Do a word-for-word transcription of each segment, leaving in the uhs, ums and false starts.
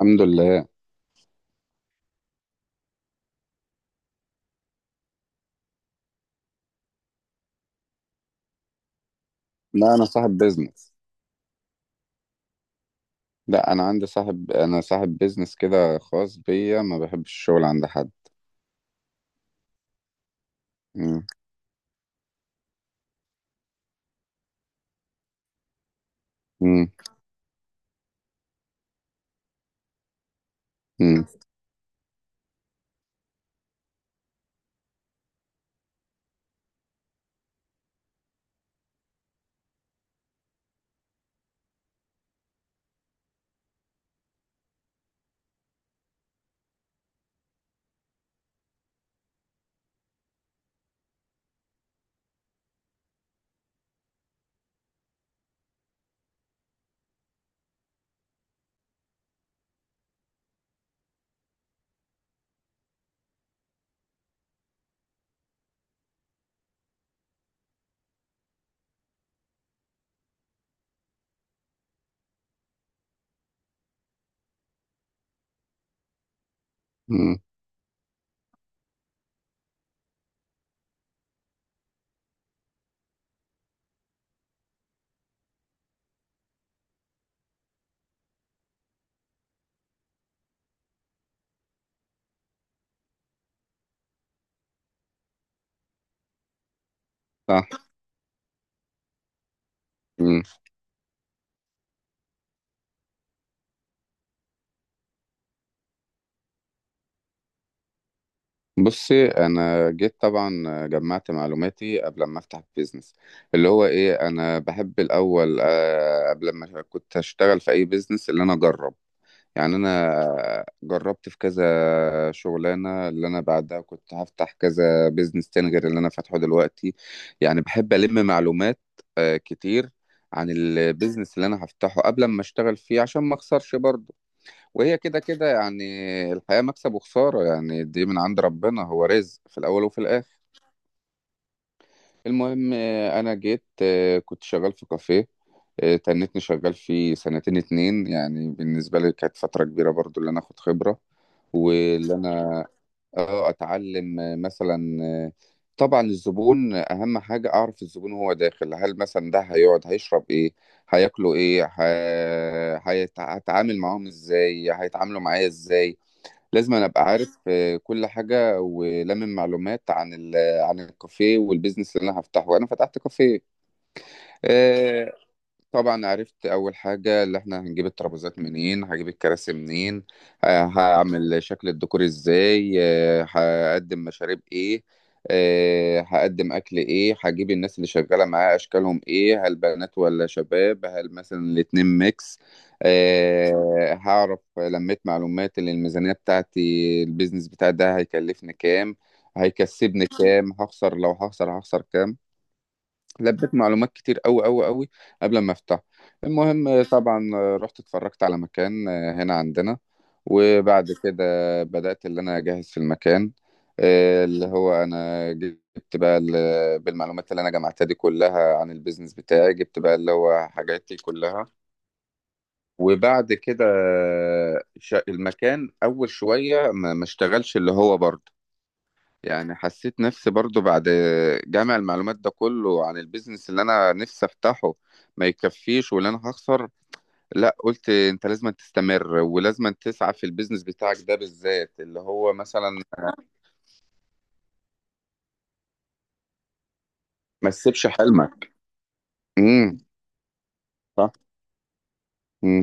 الحمد لله. لا، انا صاحب بيزنس. لا، انا عندي صاحب انا صاحب بيزنس كده خاص بيا، ما بحبش الشغل عند حد. مم. مم. مم. مم. صح. مم. بصي، انا جيت طبعا، جمعت معلوماتي قبل ما افتح البيزنس. اللي هو ايه، انا بحب الاول آه، قبل ما كنت اشتغل في اي بيزنس اللي انا اجرب، يعني انا جربت في كذا شغلانه اللي انا بعدها كنت هفتح كذا بيزنس تاني غير اللي انا فاتحه دلوقتي. يعني بحب الم معلومات آه، كتير عن البيزنس اللي انا هفتحه قبل ما اشتغل فيه عشان ما اخسرش برضه. وهي كده كده، يعني الحياه مكسب وخساره، يعني دي من عند ربنا، هو رزق في الاول وفي الاخر. المهم آه، انا جيت، آه، كنت شغال في كافيه، آه، تنتني شغال فيه سنتين اتنين، يعني بالنسبة لي كانت فترة كبيرة برضو اللي أنا أخد خبرة. واللي انا اه اتعلم آه، مثلا، آه، طبعا الزبون اهم حاجه، اعرف الزبون وهو داخل، هل مثلا ده هيقعد، هيشرب ايه، هياكلوا ايه، ه- هيت- هتعامل معاهم ازاي، هيتعاملوا معايا ازاي. لازم انا ابقى عارف آه، كل حاجه، ولمن معلومات عن ال- عن الكافيه والبيزنس اللي انا هفتحه. انا فتحت كافيه، آه، طبعا عرفت اول حاجه اللي احنا هنجيب الترابيزات منين، هجيب الكراسي منين، آه، هعمل شكل الديكور ازاي، آه، هقدم مشاريب ايه، آه، هقدم اكل ايه، هجيب الناس اللي شغاله معايا اشكالهم ايه، هل بنات ولا شباب، هل مثلا الاتنين ميكس. آه، هعرف لميت معلومات اللي الميزانيه بتاعتي، البيزنس بتاع ده هيكلفني كام، هيكسبني كام، هخسر، لو هخسر هخسر كام. لبيت معلومات كتير أوي أوي أوي قبل ما افتح. المهم طبعا رحت اتفرجت على مكان آه، هنا عندنا، وبعد كده بدأت اللي أنا أجهز في المكان. آه، اللي هو أنا جبت بقى ال- بالمعلومات اللي أنا جمعتها دي كلها عن البيزنس بتاعي، جبت بقى اللي هو حاجاتي كلها. وبعد كده آه، ش- المكان أول شوية ما ما اشتغلش، اللي هو برضه يعني حسيت نفسي برضو بعد جمع المعلومات ده كله عن البيزنس اللي انا نفسي افتحه ما يكفيش واللي انا هخسر. لا، قلت انت لازم تستمر ولازم تسعى في البيزنس بتاعك ده بالذات، اللي هو مثلا ما تسيبش حلمك. امم. صح. امم.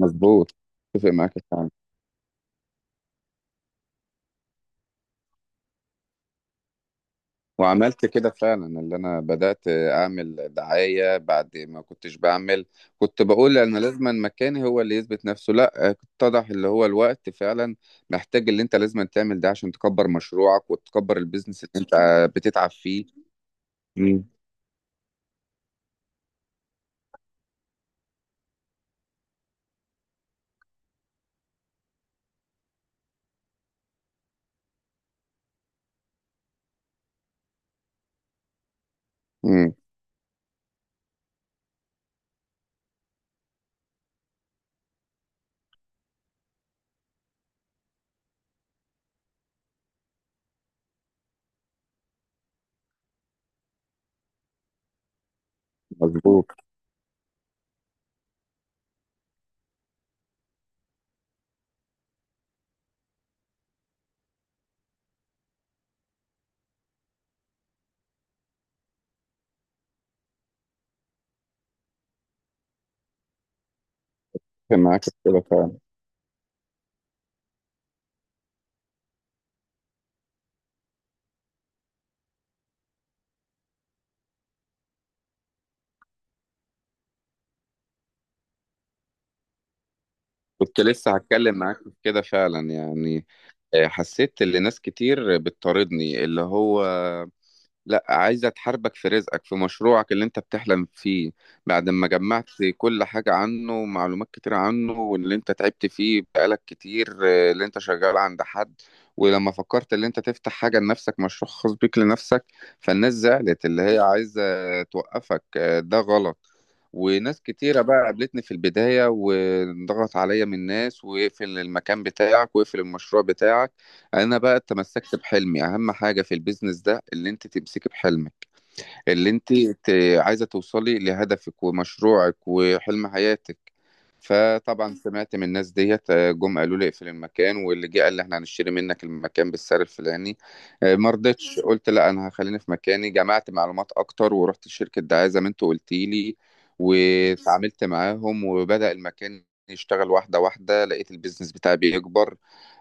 مظبوط. اتفق معاك فعلا. وعملت كده فعلا، اللي انا بدأت اعمل دعاية بعد ما كنتش بعمل، كنت بقول انا لازما مكاني هو اللي يثبت نفسه، لا، اتضح اللي هو الوقت فعلا محتاج اللي انت لازما تعمل ده عشان تكبر مشروعك وتكبر البيزنس اللي انت بتتعب فيه. امم. امم. مظبوط. كان معاك في كده فعلا. كنت لسه هتكلم معاك في كده فعلا، يعني آه، حسيت ان ناس كتير بتطاردني، اللي هو لا، عايزة تحاربك في رزقك في مشروعك اللي انت بتحلم فيه، بعد ما جمعت كل حاجة عنه ومعلومات كتير عنه، واللي انت تعبت فيه بقالك كتير آه، اللي انت شغال عند حد، ولما فكرت اللي انت تفتح حاجة لنفسك، مشروع خاص بيك لنفسك، فالناس زعلت اللي هي عايزة توقفك. آه، ده غلط. وناس كتيرة بقى قابلتني في البداية، وضغط عليا من ناس، واقفل المكان بتاعك واقفل المشروع بتاعك. انا بقى تمسكت بحلمي. اهم حاجه في البيزنس ده اللي انت تمسكي بحلمك، اللي انت ت- عايزه توصلي لهدفك ومشروعك وحلم حياتك. فطبعا سمعت من الناس ديت، آه، جم قالوا لي اقفل المكان، واللي جه قال لي احنا هنشتري منك المكان بالسعر الفلاني. آه، ما رضيتش، قلت لا، انا هخليني في مكاني، جمعت معلومات اكتر، ورحت لشركه دعايه زي ما انت قلتي لي، وتعاملت معاهم وبدأ المكان يشتغل واحده واحده، لقيت البيزنس بتاعي بيكبر.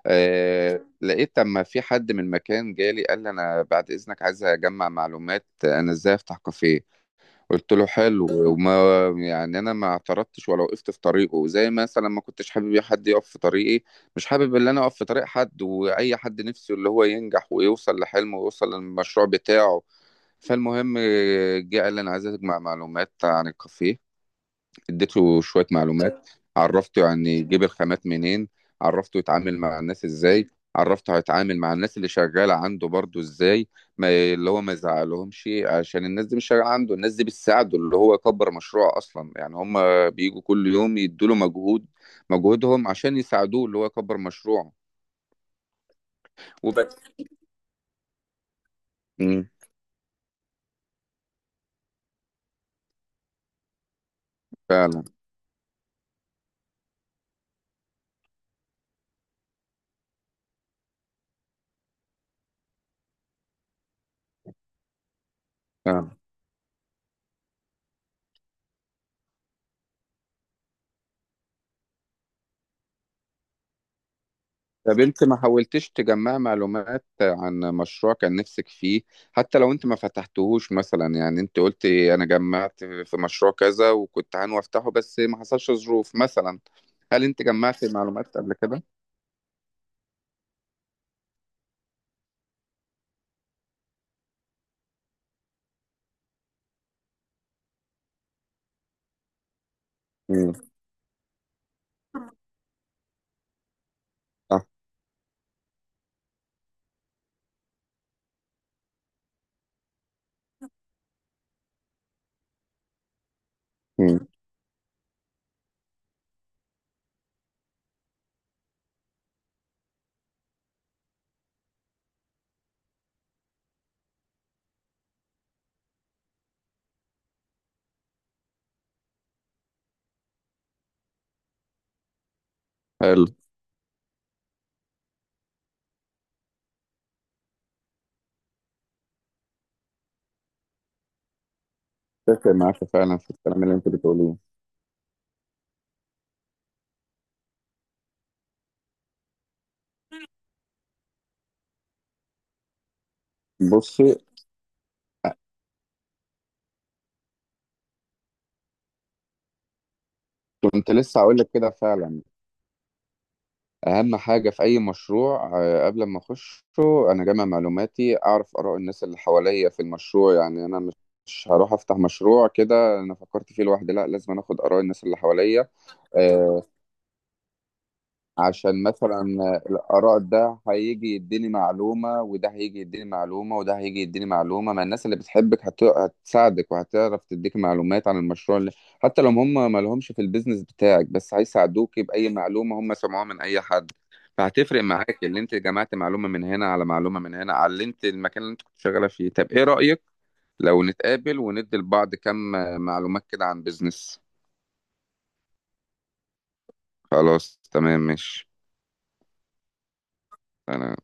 آه، لقيت اما في حد من مكان جالي قال لي انا بعد اذنك عايز اجمع معلومات انا ازاي افتح كافيه. قلت له حلو، وما يعني انا ما اعترضتش ولا وقفت في طريقه، زي مثلا ما كنتش حابب حد يقف في طريقي، مش حابب ان انا اقف في طريق حد، واي حد نفسه اللي هو ينجح ويوصل لحلمه ويوصل للمشروع بتاعه. فالمهم آه، جه قال لي انا عايز اجمع معلومات عن الكافيه، اديته شوية معلومات، عرفته يعني يجيب الخامات منين، عرفته يتعامل مع الناس ازاي، عرفته هيتعامل مع الناس اللي شغالة عنده برضو ازاي، ما اللي هو ما يزعلهمش عشان الناس دي مش شغالة عنده، الناس دي بتساعده اللي هو يكبر مشروعه أصلا، يعني هم بيجوا كل يوم يدوا له مجهود، مجهودهم عشان يساعدوه اللي هو يكبر مشروعه. وبس. مم. فعلا. فعلا. طب انت ما حاولتش تجمع معلومات عن مشروع كان نفسك فيه، حتى لو انت ما فتحتهوش مثلا؟ يعني انت قلت انا جمعت في مشروع كذا وكنت عنو افتحه، بس ما حصلش ظروف مثلا. هل انت جمعت معلومات قبل كده؟ امم. صح. امم. حلو. اتفق معاك فعلا في الكلام اللي انت بتقوليه. بصي، كنت لسه هقول لك كده فعلا، اهم حاجه في اي مشروع آه، قبل ما اخشه، انا جامع معلوماتي اعرف اراء الناس اللي حواليا في المشروع، يعني انا مش مش هروح افتح مشروع كده انا فكرت فيه لوحدي، لا، لازم أنا اخد اراء الناس اللي حواليا. آه، عشان مثلا الآراء، ده هيجي يديني معلومة وده هيجي يديني معلومة وده هيجي يديني معلومة، ما الناس اللي بتحبك هت... هتساعدك، وهتعرف تديك معلومات عن المشروع اللي حتى لو هم ما لهمش في البيزنس بتاعك، بس هيساعدوك بأي معلومة هم سمعوها من أي حد. فهتفرق معاك، اللي انت جمعت معلومة من هنا على معلومة من هنا، علمت المكان اللي انت كنت شغالة فيه. طب ايه رأيك لو نتقابل وندي لبعض كم معلومات كده عن بيزنس؟ خلاص، تمام، ماشي. أنا